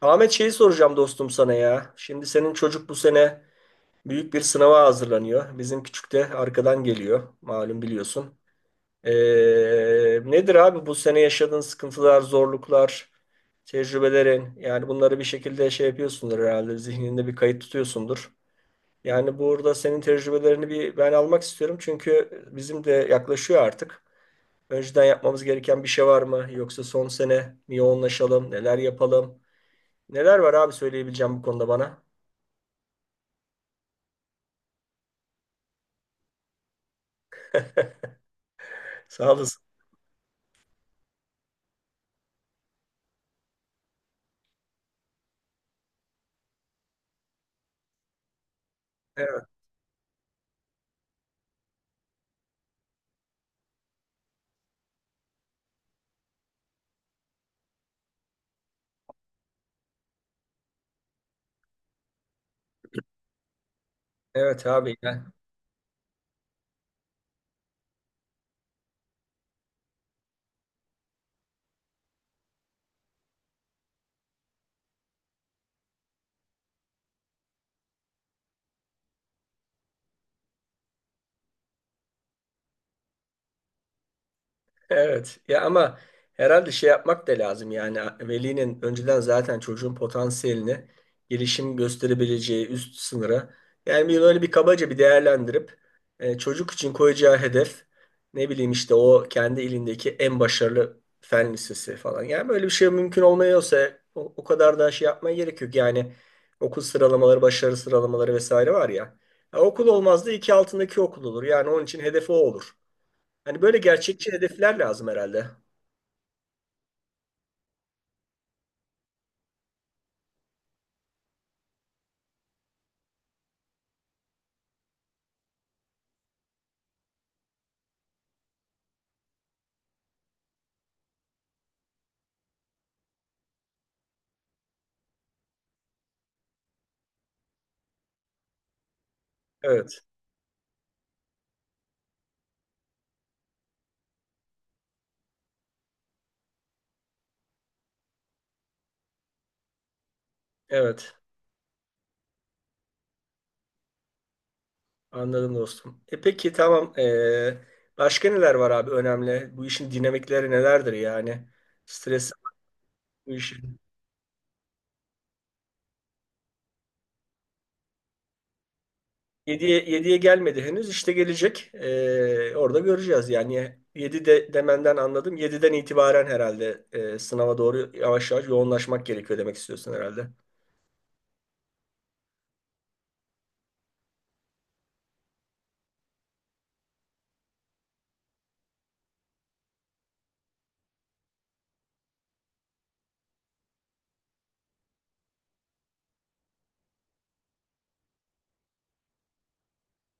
Ahmet şeyi soracağım dostum sana ya. Şimdi senin çocuk bu sene büyük bir sınava hazırlanıyor. Bizim küçük de arkadan geliyor. Malum biliyorsun. Ee, nedir abi bu sene yaşadığın sıkıntılar, zorluklar, tecrübelerin? Yani bunları bir şekilde şey yapıyorsundur herhalde. Zihninde bir kayıt tutuyorsundur. Yani burada senin tecrübelerini bir ben almak istiyorum. Çünkü bizim de yaklaşıyor artık. Önceden yapmamız gereken bir şey var mı? Yoksa son sene mi yoğunlaşalım? Neler yapalım? Neler var abi söyleyebileceğim bu konuda bana? Sağ olasın. Evet, evet abi. Yani evet ya ama herhalde şey yapmak da lazım yani velinin önceden zaten çocuğun potansiyelini gelişim gösterebileceği üst sınıra yani bir böyle bir kabaca bir değerlendirip çocuk için koyacağı hedef ne bileyim işte o kendi ilindeki en başarılı fen lisesi falan yani böyle bir şey mümkün olmuyorsa o kadar da şey yapmaya gerek yok yani okul sıralamaları başarı sıralamaları vesaire var ya, ya okul olmaz da iki altındaki okul olur yani onun için hedefi o olur. Hani böyle gerçekçi hedefler lazım herhalde. Evet, evet. Anladım dostum. E peki tamam. Başka neler var abi önemli? Bu işin dinamikleri nelerdir yani? Stres bu işin. 7'ye gelmedi henüz. İşte gelecek. Orada göreceğiz yani. Yedi de, demenden anladım. Yediden itibaren herhalde sınava doğru yavaş yavaş yoğunlaşmak gerekiyor demek istiyorsun herhalde.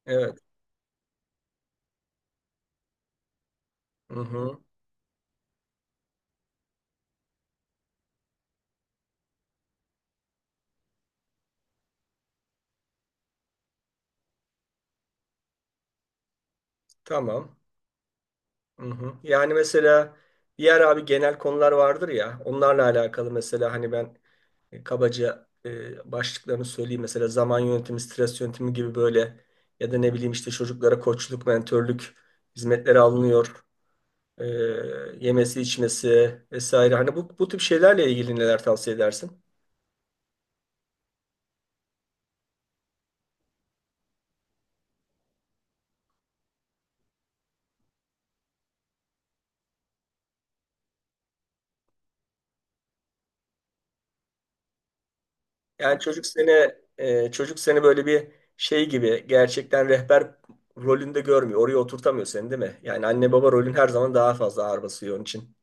Evet. Hı hı. Tamam. Hı hı. Yani mesela diğer abi genel konular vardır ya onlarla alakalı mesela hani ben kabaca başlıklarını söyleyeyim mesela zaman yönetimi, stres yönetimi gibi böyle ya da ne bileyim işte çocuklara koçluk, mentörlük hizmetleri alınıyor. E, yemesi, içmesi vesaire hani bu tip şeylerle ilgili neler tavsiye edersin? Yani çocuk seni böyle bir şey gibi gerçekten rehber rolünde görmüyor. Oraya oturtamıyor seni değil mi? Yani anne baba rolün her zaman daha fazla ağır basıyor onun için.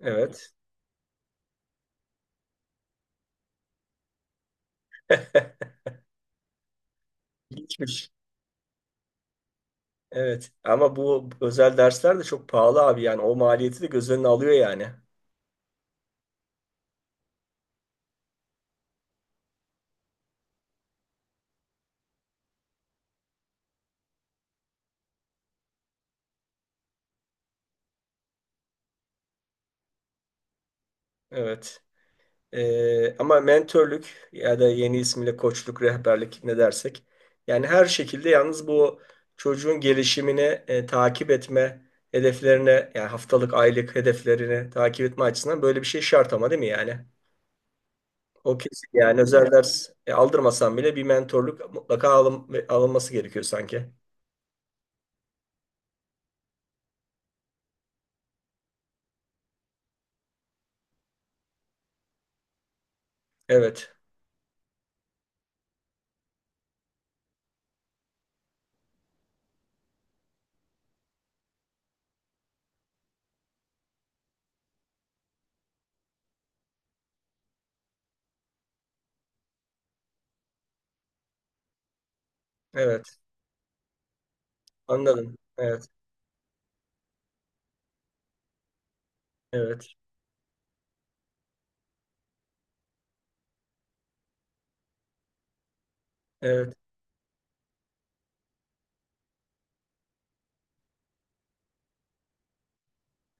Evet. İlginçmiş. Evet. Ama bu özel dersler de çok pahalı abi yani. O maliyeti de göz önüne alıyor yani. Evet. Ama mentörlük ya da yeni ismiyle koçluk, rehberlik ne dersek. Yani her şekilde yalnız bu çocuğun gelişimini takip etme hedeflerine yani haftalık, aylık hedeflerini takip etme açısından böyle bir şey şart ama değil mi yani? O kesin yani özel ders aldırmasan bile bir mentorluk mutlaka alınması gerekiyor sanki. Evet. Evet. Anladım. Evet, evet, evet,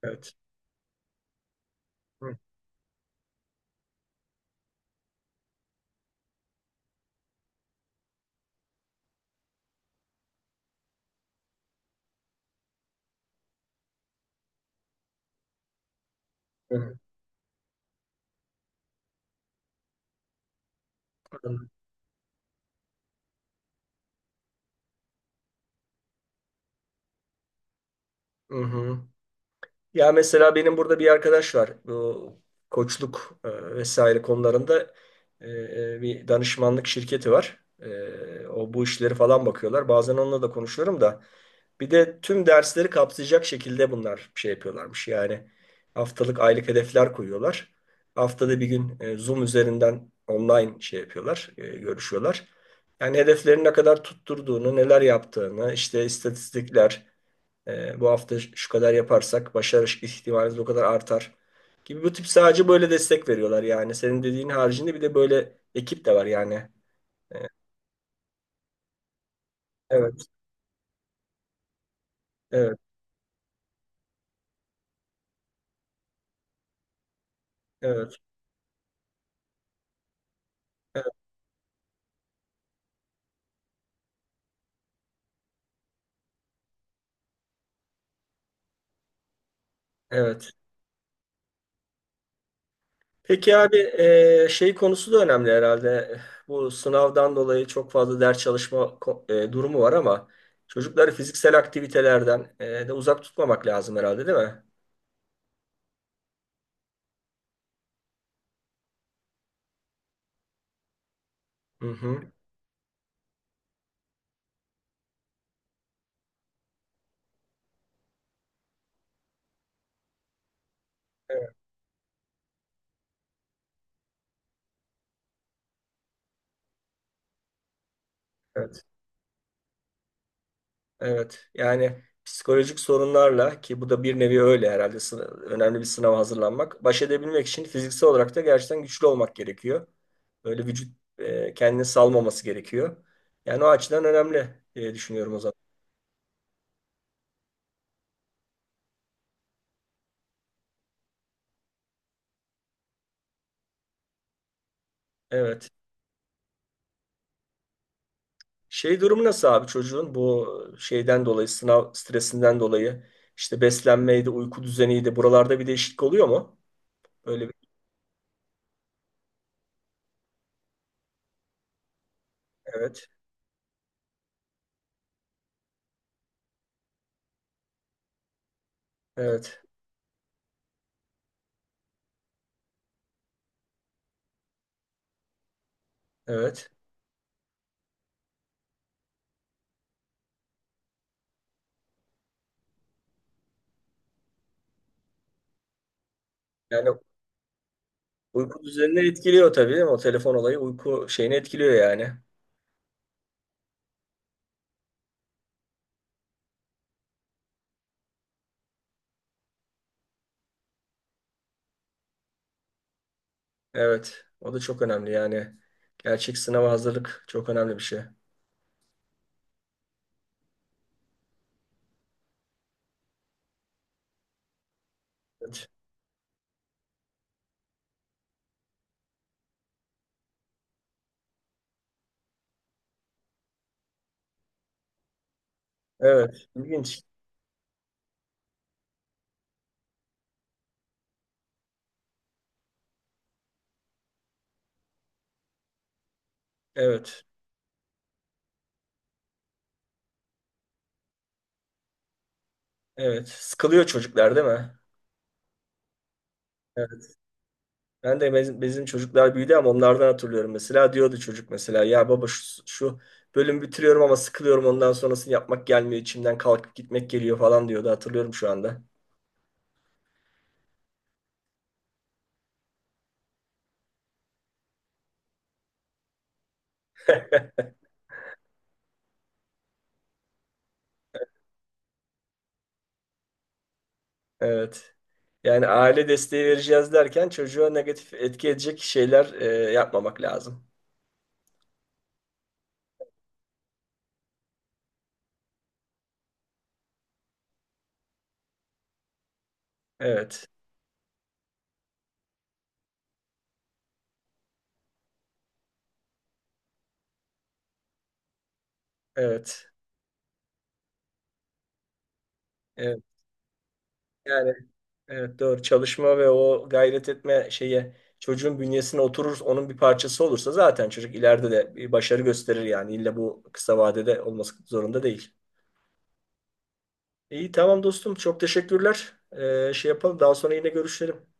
evet. Hı, hı, anladım. Hı hı. Ya mesela benim burada bir arkadaş var. Bu koçluk vesaire konularında bir danışmanlık şirketi var. E, o bu işleri falan bakıyorlar. Bazen onunla da konuşuyorum da. Bir de tüm dersleri kapsayacak şekilde bunlar şey yapıyorlarmış. Yani haftalık aylık hedefler koyuyorlar. Haftada bir gün Zoom üzerinden online şey yapıyorlar, görüşüyorlar. Yani hedeflerin ne kadar tutturduğunu, neler yaptığını, işte istatistikler, bu hafta şu kadar yaparsak başarı ihtimaliniz o kadar artar gibi bu tip sadece böyle destek veriyorlar yani. Senin dediğin haricinde bir de böyle ekip de var yani. E, evet, evet, evet, evet, evet. Peki abi şey konusu da önemli herhalde. Bu sınavdan dolayı çok fazla ders çalışma durumu var ama çocukları fiziksel aktivitelerden de uzak tutmamak lazım herhalde değil mi? Hı hı. Evet, evet. Evet. Yani psikolojik sorunlarla ki bu da bir nevi öyle herhalde önemli bir sınava hazırlanmak. Baş edebilmek için fiziksel olarak da gerçekten güçlü olmak gerekiyor. Böyle vücut kendini salmaması gerekiyor. Yani o açıdan önemli diye düşünüyorum o zaman. Evet. Şey durumu nasıl abi çocuğun bu şeyden dolayı sınav stresinden dolayı işte beslenmeydi, uyku düzeniydi. Buralarda bir değişiklik oluyor mu? Böyle bir evet. Evet. Evet. Yani uyku düzenini etkiliyor tabii değil mi? O telefon olayı uyku şeyini etkiliyor yani. Evet. O da çok önemli yani. Gerçek sınava hazırlık çok önemli bir şey. Evet. Evet. İlginç. Evet. Evet. Sıkılıyor çocuklar değil mi? Ben de bizim çocuklar büyüdü ama onlardan hatırlıyorum mesela. Diyordu çocuk mesela ya baba şu bölümü bitiriyorum ama sıkılıyorum ondan sonrasını yapmak gelmiyor içimden kalkıp gitmek geliyor falan diyordu hatırlıyorum şu anda. Evet. Yani aile desteği vereceğiz derken çocuğa negatif etki edecek şeyler yapmamak lazım. Evet. Evet. Evet. Yani evet doğru. Çalışma ve o gayret etme şeye çocuğun bünyesine oturur, onun bir parçası olursa zaten çocuk ileride de bir başarı gösterir yani. İlla bu kısa vadede olması zorunda değil. İyi tamam dostum. Çok teşekkürler. Şey yapalım. Daha sonra yine görüşelim.